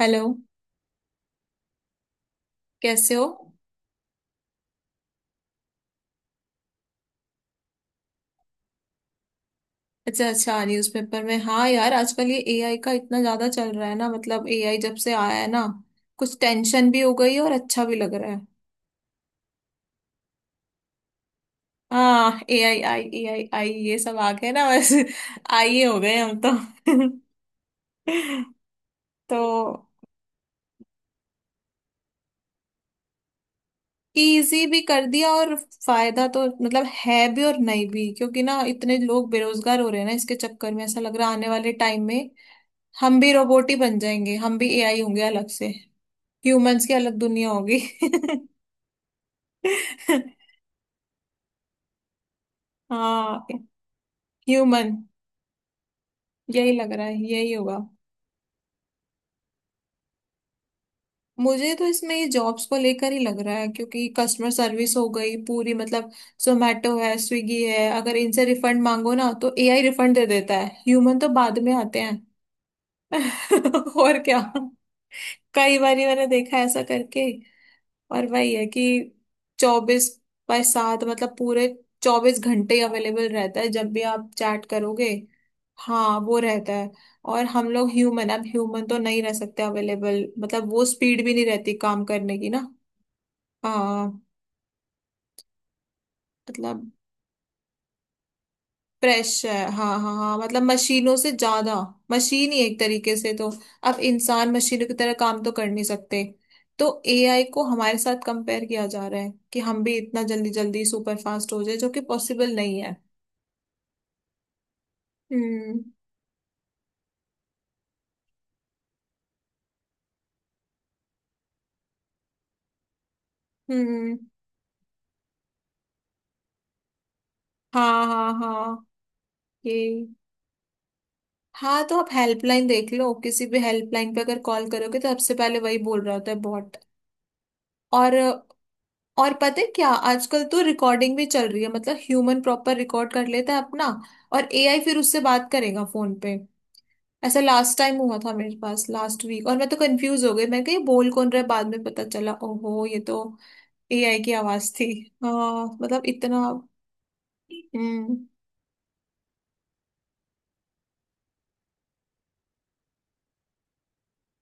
Hello. कैसे हो? अच्छा अच्छा, न्यूज़पेपर में। हाँ यार, आजकल ये एआई का इतना ज्यादा चल रहा है ना। मतलब एआई जब से आया है ना, कुछ टेंशन भी हो गई है और अच्छा भी लग रहा है। हाँ, एआई आई एआई आई, ये सब आ गए ना बस। आई हो गए हम तो। तो इजी भी कर दिया। और फायदा तो मतलब है भी और नहीं भी, क्योंकि ना इतने लोग बेरोजगार हो रहे हैं ना इसके चक्कर में। ऐसा लग रहा है आने वाले टाइम में हम भी रोबोट ही बन जाएंगे, हम भी एआई होंगे अलग से। ह्यूमंस की अलग दुनिया होगी। हाँ, ह्यूमन। यही लग रहा है, यही होगा। मुझे तो इसमें ये जॉब्स को लेकर ही लग रहा है, क्योंकि कस्टमर सर्विस हो गई पूरी। मतलब जोमेटो है, स्विगी है, अगर इनसे रिफंड मांगो ना तो एआई रिफंड दे देता है, ह्यूमन तो बाद में आते हैं। और क्या। कई बार मैंने देखा है ऐसा करके। और वही है कि 24/7, मतलब पूरे 24 घंटे अवेलेबल रहता है जब भी आप चैट करोगे। हाँ, वो रहता है। और हम लोग ह्यूमन, अब ह्यूमन तो नहीं रह सकते अवेलेबल। मतलब वो स्पीड भी नहीं रहती काम करने की ना। हाँ। मतलब फ्रेश है। हाँ हाँ हाँ, मतलब मशीनों से ज्यादा। मशीन ही एक तरीके से तो। अब इंसान मशीनों की तरह काम तो कर नहीं सकते। तो एआई को हमारे साथ कंपेयर किया जा रहा है कि हम भी इतना जल्दी जल्दी सुपर फास्ट हो जाए, जो कि पॉसिबल नहीं है। हम्म। हम्म। हाँ हाँ हाँ। ये हाँ, तो आप हेल्पलाइन देख लो, किसी भी हेल्पलाइन पे अगर कॉल करोगे तो सबसे पहले वही बोल रहा होता है, बॉट। और और पता है क्या, आजकल तो रिकॉर्डिंग भी चल रही है। मतलब ह्यूमन प्रॉपर रिकॉर्ड कर लेता है अपना, और एआई फिर उससे बात करेगा फोन पे। ऐसा लास्ट टाइम हुआ था मेरे पास, लास्ट वीक। और मैं तो कंफ्यूज हो गई, मैं कही बोल कौन रहा है। बाद में पता चला, ओहो ये तो एआई की आवाज थी। हाँ, मतलब इतना। हम्म।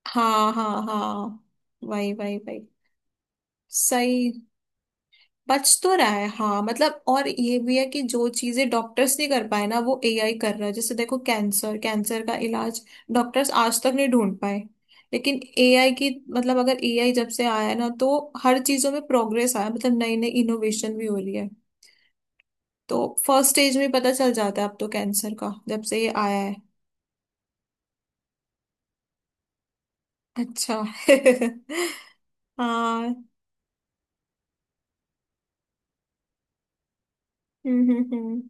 हाँ हाँ हाँ, वही वही वही। सही। बच तो रहा है हाँ। मतलब और ये भी है कि जो चीजें डॉक्टर्स नहीं कर पाए ना, वो एआई कर रहा है। जैसे देखो, कैंसर, कैंसर का इलाज डॉक्टर्स आज तक नहीं ढूंढ पाए, लेकिन एआई की, मतलब अगर एआई जब से आया है ना, तो हर चीजों में प्रोग्रेस आया। मतलब नई नई इनोवेशन भी हो रही है। तो फर्स्ट स्टेज में पता चल जाता है अब तो, कैंसर का जब से ये आया है। अच्छा। हाँ। हम्म।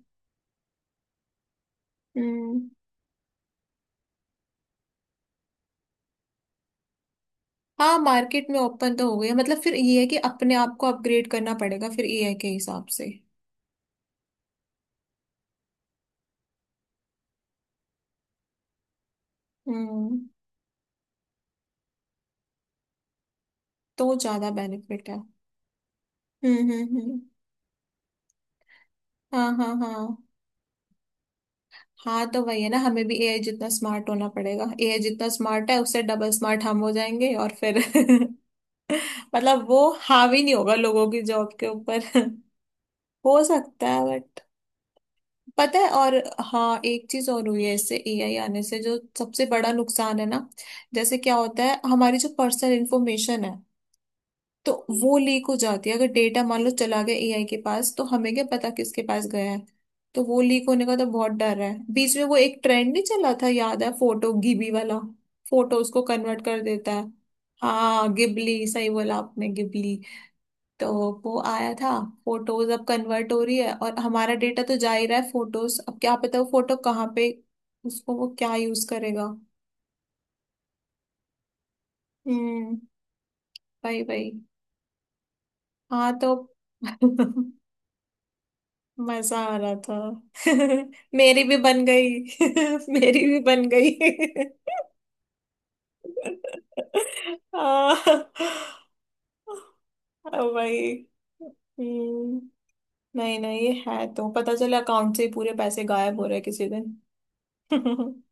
हम्म। हाँ, मार्केट में ओपन तो हो गई है। मतलब फिर ये है कि अपने आप को अपग्रेड करना पड़ेगा फिर एआई के हिसाब से। हम्म। तो ज्यादा बेनिफिट है। हम्म। हाँ हाँ हाँ। हाँ तो वही है ना, हमें भी एआई जितना स्मार्ट होना पड़ेगा। एआई जितना स्मार्ट है उससे डबल स्मार्ट हम हो जाएंगे और फिर मतलब वो हावी नहीं होगा लोगों की जॉब के ऊपर। हो सकता है, बट पता है। और हाँ, एक चीज और हुई है इससे, एआई आने से जो सबसे बड़ा नुकसान है ना, जैसे क्या होता है, हमारी जो पर्सनल इन्फॉर्मेशन है, तो वो लीक हो जाती है। अगर डेटा मान लो चला गया एआई के पास, तो हमें क्या पता किसके पास गया है। तो वो लीक होने का तो बहुत डर है। बीच में वो एक ट्रेंड नहीं चला था याद है, फोटो गिबी वाला। फोटो उसको कन्वर्ट कर देता है। हाँ गिबली, सही बोला आपने, गिबली। तो वो आया था। फोटोज अब कन्वर्ट हो रही है, और हमारा डेटा तो जा ही रहा है। फोटोज, अब क्या पता वो फोटो कहाँ पे, उसको वो क्या यूज करेगा। हम्म। भाई भाई। हाँ तो मजा आ रहा था। मेरी भी बन गई। मेरी भी बन गई। ओ भाई। हम्म। नहीं नहीं, ये है तो पता चला अकाउंट से ही पूरे पैसे गायब हो रहे किसी दिन।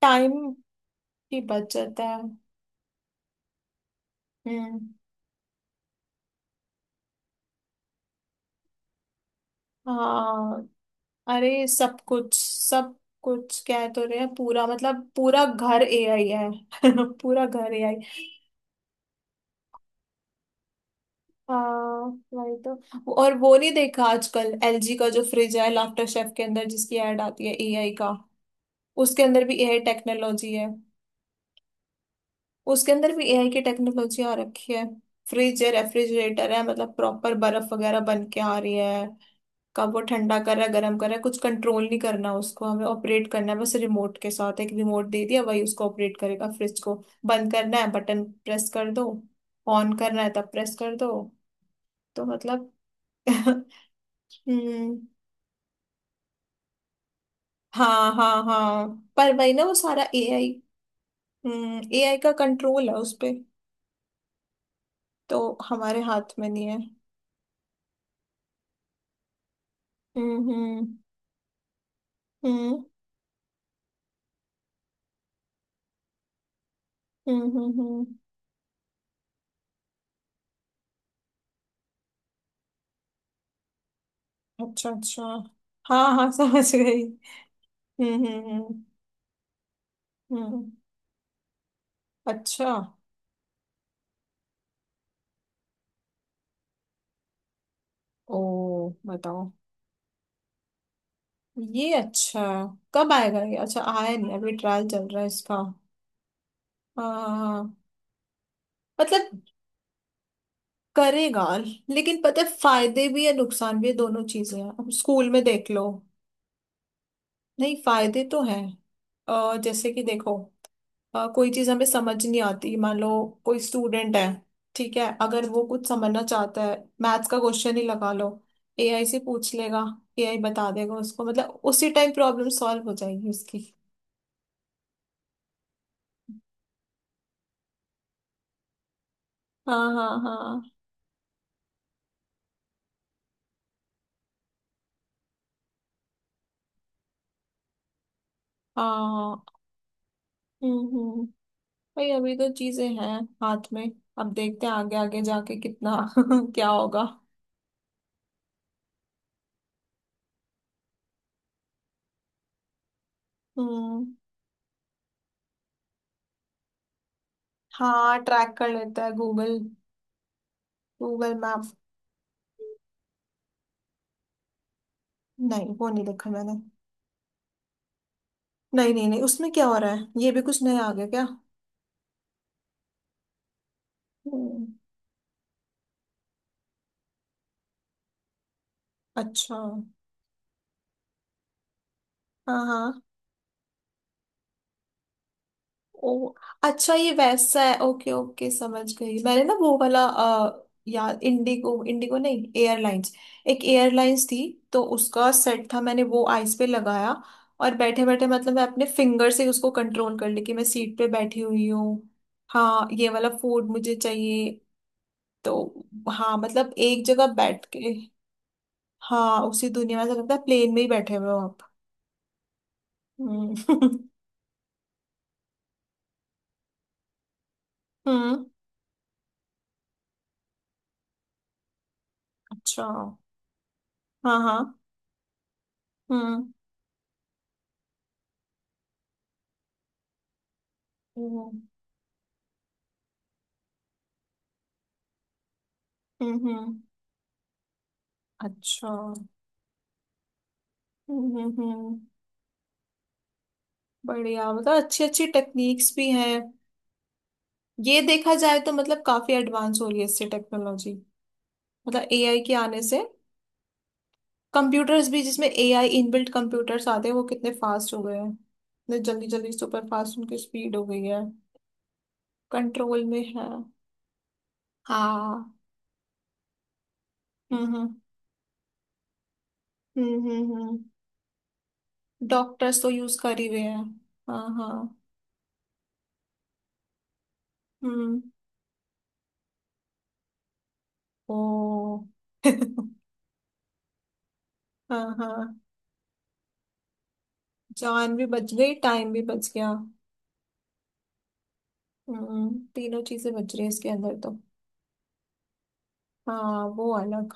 टाइम की बचत है। हम्म। हाँ अरे, सब कुछ, सब कुछ कह तो रहे हैं पूरा, मतलब पूरा घर एआई है। पूरा घर एआई। हाँ वही तो। और वो नहीं देखा आजकल एलजी का जो फ्रिज है, लाफ्टर शेफ के अंदर जिसकी ऐड आती है एआई का, उसके अंदर भी एआई टेक्नोलॉजी है। उसके अंदर भी एआई की टेक्नोलॉजी आ रखी है। फ्रिज है, रेफ्रिजरेटर है, मतलब प्रॉपर बर्फ वगैरह बन के आ रही है। कब वो ठंडा कर रहा है, गर्म कर रहा है, कुछ कंट्रोल नहीं करना उसको। हमें ऑपरेट करना है बस रिमोट के साथ, एक रिमोट दे दिया, वही उसको ऑपरेट करेगा, फ्रिज को। बंद करना है बटन प्रेस कर दो, ऑन करना है तब प्रेस कर दो। तो मतलब हम्म। हाँ हाँ हाँ, पर वही ना, वो सारा एआई, एआई का कंट्रोल है उस पे। तो हमारे हाथ में नहीं है। हम्म। हम्म हम्म। अच्छा अच्छा, हाँ हाँ समझ गई। हम्म हम्म हम्म। हम्म। अच्छा। ओ, बताओ। ये अच्छा, कब आएगा ये? अच्छा, आया नहीं अभी ट्रायल चल रहा है इसका। हाँ हाँ हाँ। मतलब करेगा, लेकिन पता है फायदे भी है नुकसान भी है, दोनों चीजें हैं। अब स्कूल में देख लो, नहीं फायदे तो हैं। जैसे कि देखो, कोई चीज हमें समझ नहीं आती मान लो। कोई स्टूडेंट है, ठीक है, अगर वो कुछ समझना चाहता है, मैथ्स का क्वेश्चन ही लगा लो, एआई से पूछ लेगा, एआई बता देगा उसको। मतलब उसी टाइम प्रॉब्लम सॉल्व हो जाएगी उसकी। हाँ हाँ हाँ। हाँ। हम्म हम्म हम्म। भाई अभी तो चीजें हैं हाथ में, अब देखते हैं आगे आगे जाके कितना क्या होगा। हम्म। हाँ ट्रैक कर लेता है गूगल, गूगल मैप। नहीं वो नहीं देखा मैंने। नहीं नहीं नहीं, उसमें क्या हो रहा है, ये भी कुछ नया आ गया क्या? हम्म। अच्छा, हाँ हाँ। ओ अच्छा, ये वैसा है। ओके ओके समझ गई मैंने। ना वो वाला यार, इंडिगो, इंडिगो नहीं एयरलाइंस, एक एयरलाइंस थी। तो उसका सेट था मैंने, वो आइस पे लगाया। और बैठे बैठे मतलब मैं अपने फिंगर से उसको कंट्रोल कर ली कि मैं सीट पे बैठी हुई हूँ, हाँ ये वाला फूड मुझे चाहिए। तो हाँ मतलब एक जगह बैठ के, हाँ उसी दुनिया में, ऐसा लगता है प्लेन में ही बैठे हुए हो। हम्म हम्म। अच्छा, हाँ हाँ। हम्म हम्म। हम्म। अच्छा हम्म। हम्म। बढ़िया, मतलब अच्छी अच्छी टेक्निक्स भी हैं। ये देखा जाए तो मतलब काफी एडवांस हो रही है इससे टेक्नोलॉजी, मतलब एआई के आने से। कंप्यूटर्स भी जिसमें एआई इनबिल्ट कंप्यूटर्स आते हैं, वो कितने फास्ट हो गए हैं। इतने जल्दी जल्दी सुपर फास्ट उनकी स्पीड हो गई है, कंट्रोल में है। हाँ। हम्म हम्म। हम्म। डॉक्टर्स तो यूज कर ही हुए हैं। हाँ हाँ। हम्म। ओ हाँ। हाँ, जान भी बच गई, टाइम भी बच गया। हम्म, तीनों चीजें बच रही है इसके अंदर तो। हाँ वो अलग।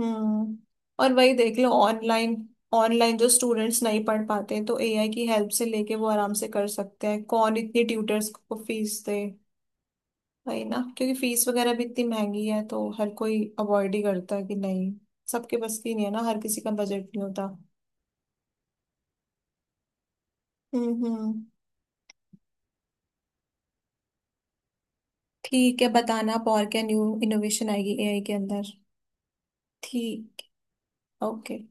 हम्म, और वही देख लो ऑनलाइन, ऑनलाइन जो स्टूडेंट्स नहीं पढ़ पाते हैं, तो एआई की हेल्प से लेके वो आराम से कर सकते हैं। कौन इतनी ट्यूटर्स को फीस दे। वही ना, क्योंकि फीस वगैरह भी इतनी महंगी है तो हर कोई अवॉइड ही करता है, कि नहीं सबके बस की नहीं है ना, हर किसी का बजट नहीं होता। हम्म। ठीक है, बताना आप और क्या न्यू इनोवेशन आएगी एआई के अंदर। ठीक। ओके।